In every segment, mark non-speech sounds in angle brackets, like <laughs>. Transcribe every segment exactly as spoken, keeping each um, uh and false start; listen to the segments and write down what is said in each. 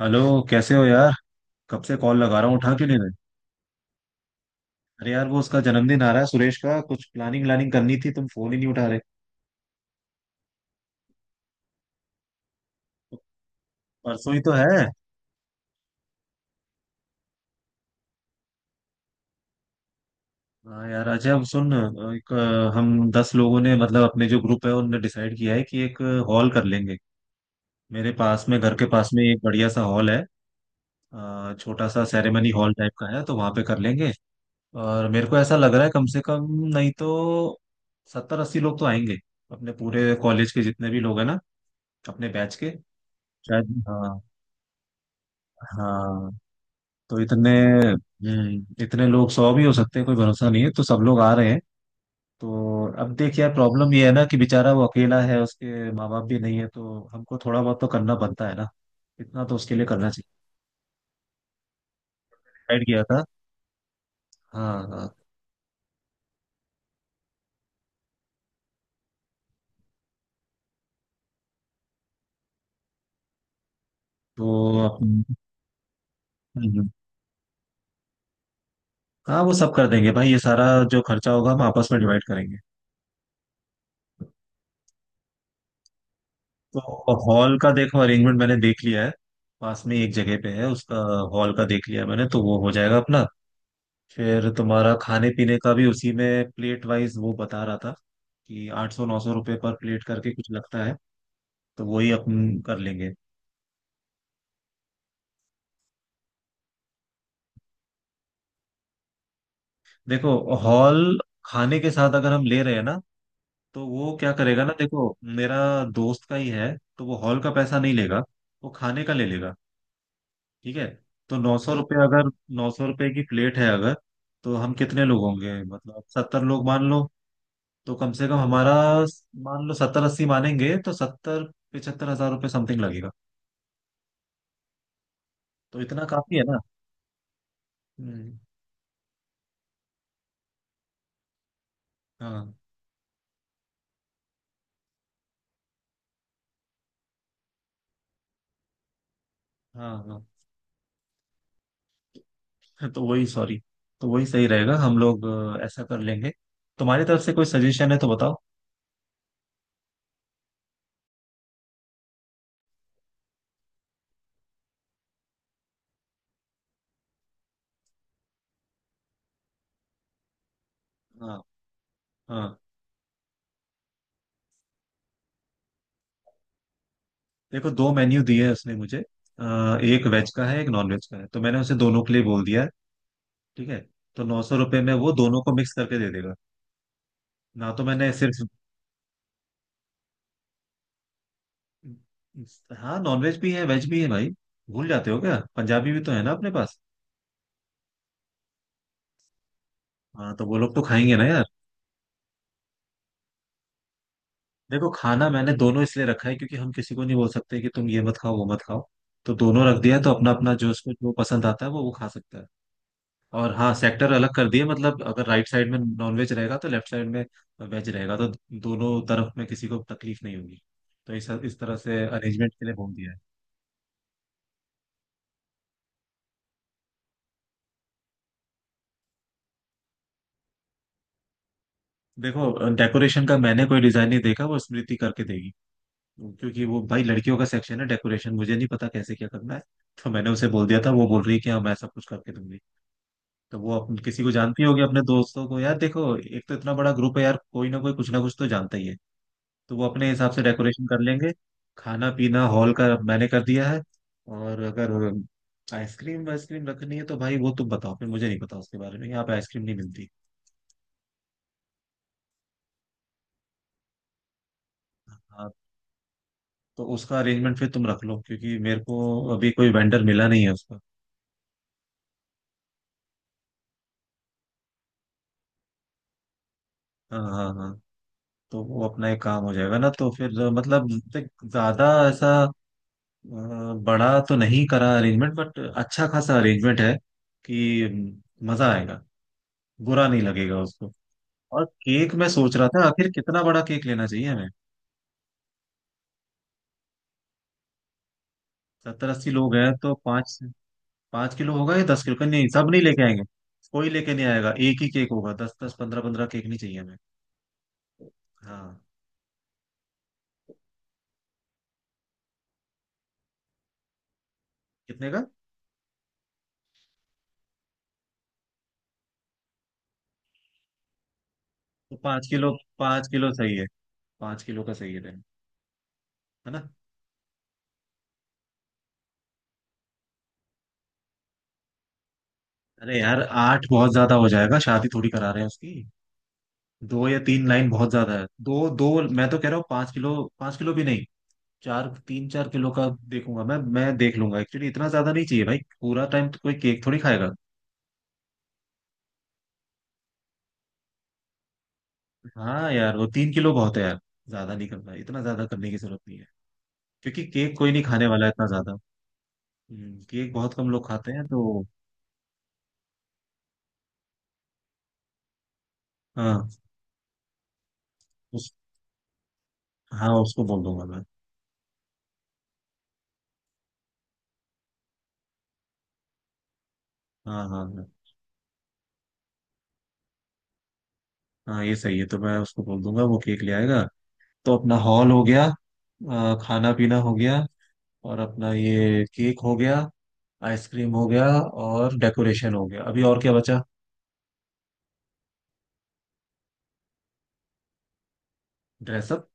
Hello. कैसे हो यार। कब से कॉल लगा रहा हूँ, उठा क्यों नहीं रहे। अरे यार वो उसका जन्मदिन आ रहा है सुरेश का, कुछ प्लानिंग व्लानिंग करनी थी, तुम फोन ही नहीं उठा रहे। परसों ही तो है। हाँ यार अच्छा अब सुन। एक अ, हम दस लोगों ने मतलब अपने जो ग्रुप है उनने डिसाइड किया है कि एक हॉल कर लेंगे। मेरे पास में घर के पास में एक बढ़िया सा हॉल है। अ, छोटा सा सेरेमनी हॉल टाइप का है तो वहां पे कर लेंगे। और मेरे को ऐसा लग रहा है कम से कम नहीं तो सत्तर अस्सी लोग तो आएंगे। अपने पूरे कॉलेज के जितने भी लोग हैं ना, अपने बैच के। शायद हाँ। हाँ तो इतने। हम्म, इतने लोग सौ भी हो सकते हैं, कोई भरोसा नहीं है तो सब लोग आ रहे हैं। तो अब देख यार, प्रॉब्लम ये है ना कि बेचारा वो अकेला है, उसके माँ बाप भी नहीं है, तो हमको थोड़ा बहुत तो करना बनता है ना। इतना तो उसके लिए करना चाहिए। डिसाइड किया था। हाँ हाँ। तो अपन- हम्म, हम्म। हाँ वो सब कर देंगे भाई, ये सारा जो खर्चा होगा हम आपस में डिवाइड करेंगे। तो हॉल का देखो अरेंजमेंट मैंने देख लिया है, पास में एक जगह पे है उसका। हॉल का देख लिया मैंने तो वो हो जाएगा अपना। फिर तुम्हारा खाने पीने का भी उसी में प्लेट वाइज वो बता रहा था कि आठ सौ नौ सौ रुपये पर प्लेट करके कुछ लगता है, तो वही अपन कर लेंगे। देखो हॉल, खाने के साथ अगर हम ले रहे हैं ना, तो वो क्या करेगा ना, देखो, मेरा दोस्त का ही है तो वो हॉल का पैसा नहीं लेगा, वो खाने का ले लेगा। ठीक है। तो नौ सौ रुपये अगर, नौ सौ रुपये की प्लेट है अगर, तो हम कितने लोग होंगे, मतलब सत्तर लोग मान लो। तो कम से कम हमारा, मान लो सत्तर अस्सी मानेंगे तो सत्तर पचहत्तर हज़ार हजार रुपये समथिंग लगेगा। तो इतना काफी है ना। हम्म, हाँ हाँ हाँ। <laughs> तो वही सॉरी, तो वही सही रहेगा। हम लोग अ, ऐसा कर लेंगे। तुम्हारी तरफ से कोई सजेशन है तो बताओ। हाँ हाँ। देखो दो मेन्यू दिए है उसने मुझे। अ, एक वेज का है एक नॉन वेज का है तो मैंने उसे दोनों के लिए बोल दिया है। ठीक है। तो नौ सौ रुपये में वो दोनों को मिक्स करके दे देगा ना। तो मैंने सिर्फ, हाँ नॉन वेज भी है वेज भी है भाई, भूल जाते हो क्या, पंजाबी भी तो है ना अपने पास। हाँ तो वो लोग तो खाएंगे ना यार। देखो खाना मैंने दोनों इसलिए रखा है क्योंकि हम किसी को नहीं बोल सकते कि तुम ये मत खाओ वो मत खाओ। तो दोनों रख दिया है, तो अपना अपना जो उसको जो पसंद आता है वो वो खा सकता है। और हाँ सेक्टर अलग कर दिए, मतलब अगर राइट साइड में नॉनवेज रहेगा तो लेफ्ट साइड में वेज रहेगा, तो दोनों तरफ में किसी को तकलीफ नहीं होगी। तो इस इस तरह से अरेंजमेंट के लिए बोल दिया है। देखो डेकोरेशन का मैंने कोई डिजाइन नहीं देखा, वो स्मृति करके देगी, क्योंकि वो भाई लड़कियों का सेक्शन है डेकोरेशन, मुझे नहीं पता कैसे क्या करना है। तो मैंने उसे बोल दिया था, वो बोल रही है कि हाँ मैं सब कुछ करके दूंगी। तो वो अपन किसी को जानती होगी अपने दोस्तों को, यार देखो एक तो इतना बड़ा ग्रुप है यार, कोई ना कोई कुछ ना कुछ तो जानता ही है। तो वो अपने हिसाब से डेकोरेशन कर लेंगे। खाना पीना हॉल का मैंने कर दिया है। और अगर आइसक्रीम वाइसक्रीम रखनी है तो भाई वो तुम बताओ, फिर मुझे नहीं पता उसके बारे में, यहाँ पे आइसक्रीम नहीं मिलती। हाँ तो उसका अरेंजमेंट फिर तुम रख लो क्योंकि मेरे को अभी कोई वेंडर मिला नहीं है उसका। हाँ हाँ हाँ। तो वो अपना एक काम हो जाएगा ना। तो फिर मतलब देख, ज्यादा ऐसा अ, बड़ा तो नहीं करा अरेंजमेंट, बट अच्छा खासा अरेंजमेंट है कि म, मजा आएगा, बुरा नहीं लगेगा उसको। और केक मैं सोच रहा था आखिर कितना बड़ा केक लेना चाहिए हमें। सत्तर अस्सी लोग हैं तो पाँच, पाँच किलो होगा या दस किलो का, नहीं सब नहीं लेके आएंगे, कोई लेके नहीं आएगा एक ही केक होगा, दस दस पंद्रह पंद्रह केक नहीं चाहिए हमें। हाँ। कितने का। तो पाँच किलो, पाँच किलो सही है, पाँच किलो का सही है है ना। अरे यार आठ बहुत ज्यादा हो जाएगा, शादी थोड़ी करा रहे हैं उसकी। दो या तीन लाइन बहुत ज्यादा है, दो दो मैं तो कह रहा हूँ पाँच किलो, पाँच किलो भी नहीं, चार, तीन चार किलो का देखूंगा मैं मैं देख लूंगा एक्चुअली, इतना ज्यादा नहीं चाहिए भाई, पूरा टाइम तो कोई केक थोड़ी खाएगा। हाँ यार वो तीन किलो बहुत है यार, ज्यादा नहीं करना है, इतना ज्यादा करने की जरूरत नहीं है, क्योंकि केक कोई नहीं खाने वाला है इतना ज्यादा। हम्म, केक बहुत कम लोग खाते हैं तो। हाँ उस, हाँ उसको बोल दूंगा मैं। हाँ हाँ हाँ। हाँ ये सही है तो मैं उसको बोल दूंगा वो केक ले आएगा। तो अपना हॉल हो गया, अ, खाना पीना हो गया, और अपना ये केक हो गया, आइसक्रीम हो गया, और डेकोरेशन हो गया, अभी और क्या बचा। ड्रेसअप।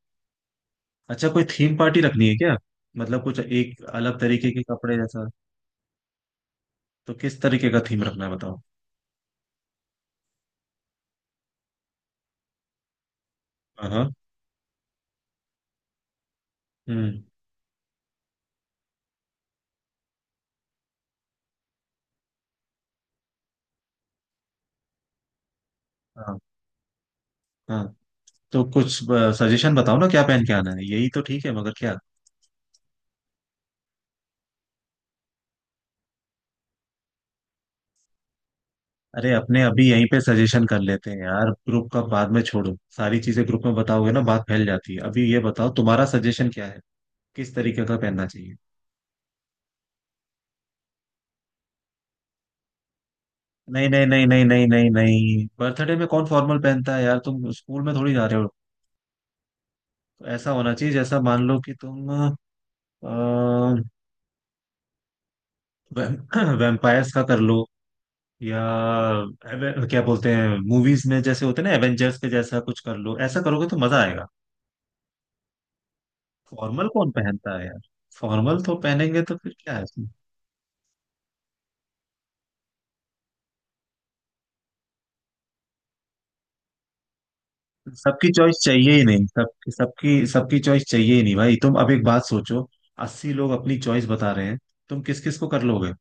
अच्छा कोई थीम पार्टी रखनी है क्या, मतलब कुछ एक अलग तरीके के कपड़े जैसा। तो किस तरीके का थीम रखना है बताओ। हाँ हाँ। हम्म। हाँ हाँ। तो कुछ सजेशन बताओ ना क्या पहन के आना है, यही तो ठीक है मगर क्या। अरे अपने अभी यहीं पे सजेशन कर लेते हैं यार, ग्रुप का बाद में छोड़ो, सारी चीजें ग्रुप में बताओगे ना बात फैल जाती है, अभी ये बताओ तुम्हारा सजेशन क्या है, किस तरीके का पहनना चाहिए। नहीं नहीं नहीं नहीं नहीं नहीं नहीं, बर्थडे में कौन फॉर्मल पहनता है यार, तुम स्कूल में थोड़ी जा रहे हो। ऐसा होना चाहिए जैसा मान लो कि तुम वैम्पायर्स <clears throat> का कर लो, या एवे- क्या बोलते हैं मूवीज में जैसे होते हैं ना एवेंजर्स के जैसा कुछ कर लो, ऐसा करोगे तो मजा आएगा। फॉर्मल कौन पहनता है यार, फॉर्मल तो पहनेंगे तो फिर क्या है इसमें। सबकी चॉइस चाहिए ही नहीं सब, सबकी सबकी चॉइस चाहिए ही नहीं भाई। तुम अब एक बात सोचो अस्सी लोग अपनी चॉइस बता रहे हैं, तुम किस किस को कर लोगे।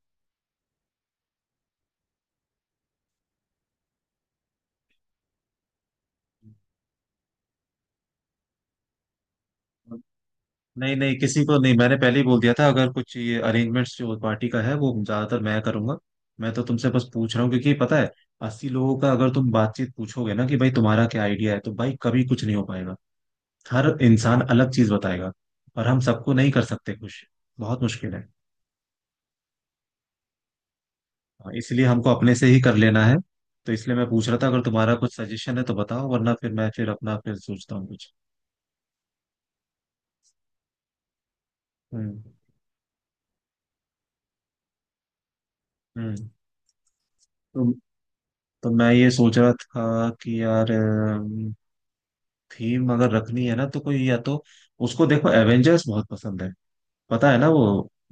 नहीं नहीं किसी को नहीं, मैंने पहले ही बोल दिया था अगर कुछ ये अरेंजमेंट्स जो पार्टी का है वो ज्यादातर मैं करूंगा। मैं तो तुमसे बस पूछ रहा हूँ क्योंकि पता है, अस्सी लोगों का अगर तुम बातचीत पूछोगे ना कि भाई तुम्हारा क्या आइडिया है, तो भाई कभी कुछ नहीं हो पाएगा, हर इंसान अलग चीज बताएगा, और हम सबको नहीं कर सकते खुश, बहुत मुश्किल है। हाँ, इसलिए हमको अपने से ही कर लेना है। तो इसलिए मैं पूछ रहा था अगर तुम्हारा कुछ सजेशन है तो बताओ, वरना फिर मैं, फिर अपना फिर सोचता हूँ कुछ। हम्म। हम्म। तो, तो मैं ये सोच रहा था कि यार थीम अगर रखनी है ना तो कोई, या तो उसको देखो एवेंजर्स बहुत पसंद है, पता है ना वो,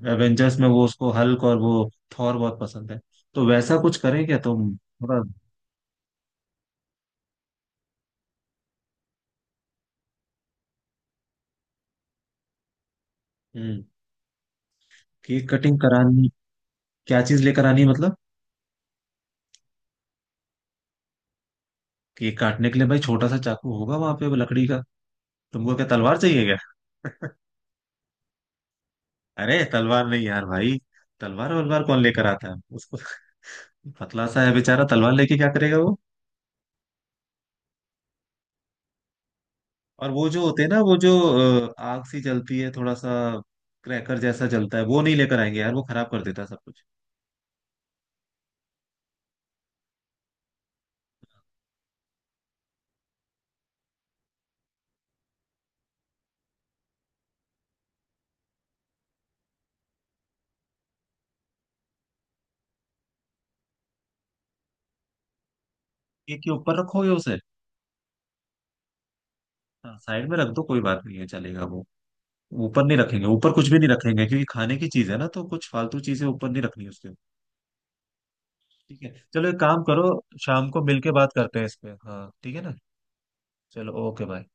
एवेंजर्स में वो उसको हल्क और वो थॉर बहुत पसंद है, तो वैसा कुछ करें क्या तुम थोड़ा। हम्म। केक कटिंग करानी, क्या चीज लेकर आनी है मतलब। केक काटने के लिए भाई छोटा सा चाकू होगा वहां पे वो लकड़ी का, तुमको क्या तलवार चाहिए क्या। <laughs> अरे तलवार नहीं यार भाई, तलवार वलवार कौन लेकर आता है उसको। <laughs> पतला सा है बेचारा, तलवार लेके क्या करेगा वो। और वो जो होते हैं ना, वो जो अ, आग सी जलती है थोड़ा सा, क्रैकर जैसा जलता है, वो नहीं लेकर आएंगे यार, वो खराब कर देता है सब कुछ। केक के ऊपर रखोगे उसे। हाँ साइड में रख दो, कोई बात नहीं है, चलेगा वो। ऊपर नहीं रखेंगे, ऊपर कुछ भी नहीं रखेंगे, क्योंकि खाने की चीज है ना, तो कुछ फालतू चीजें ऊपर नहीं रखनी उसके। ठीक है चलो एक काम करो, शाम को मिलके बात करते हैं इस पे, हाँ ठीक है ना। चलो ओके बाय।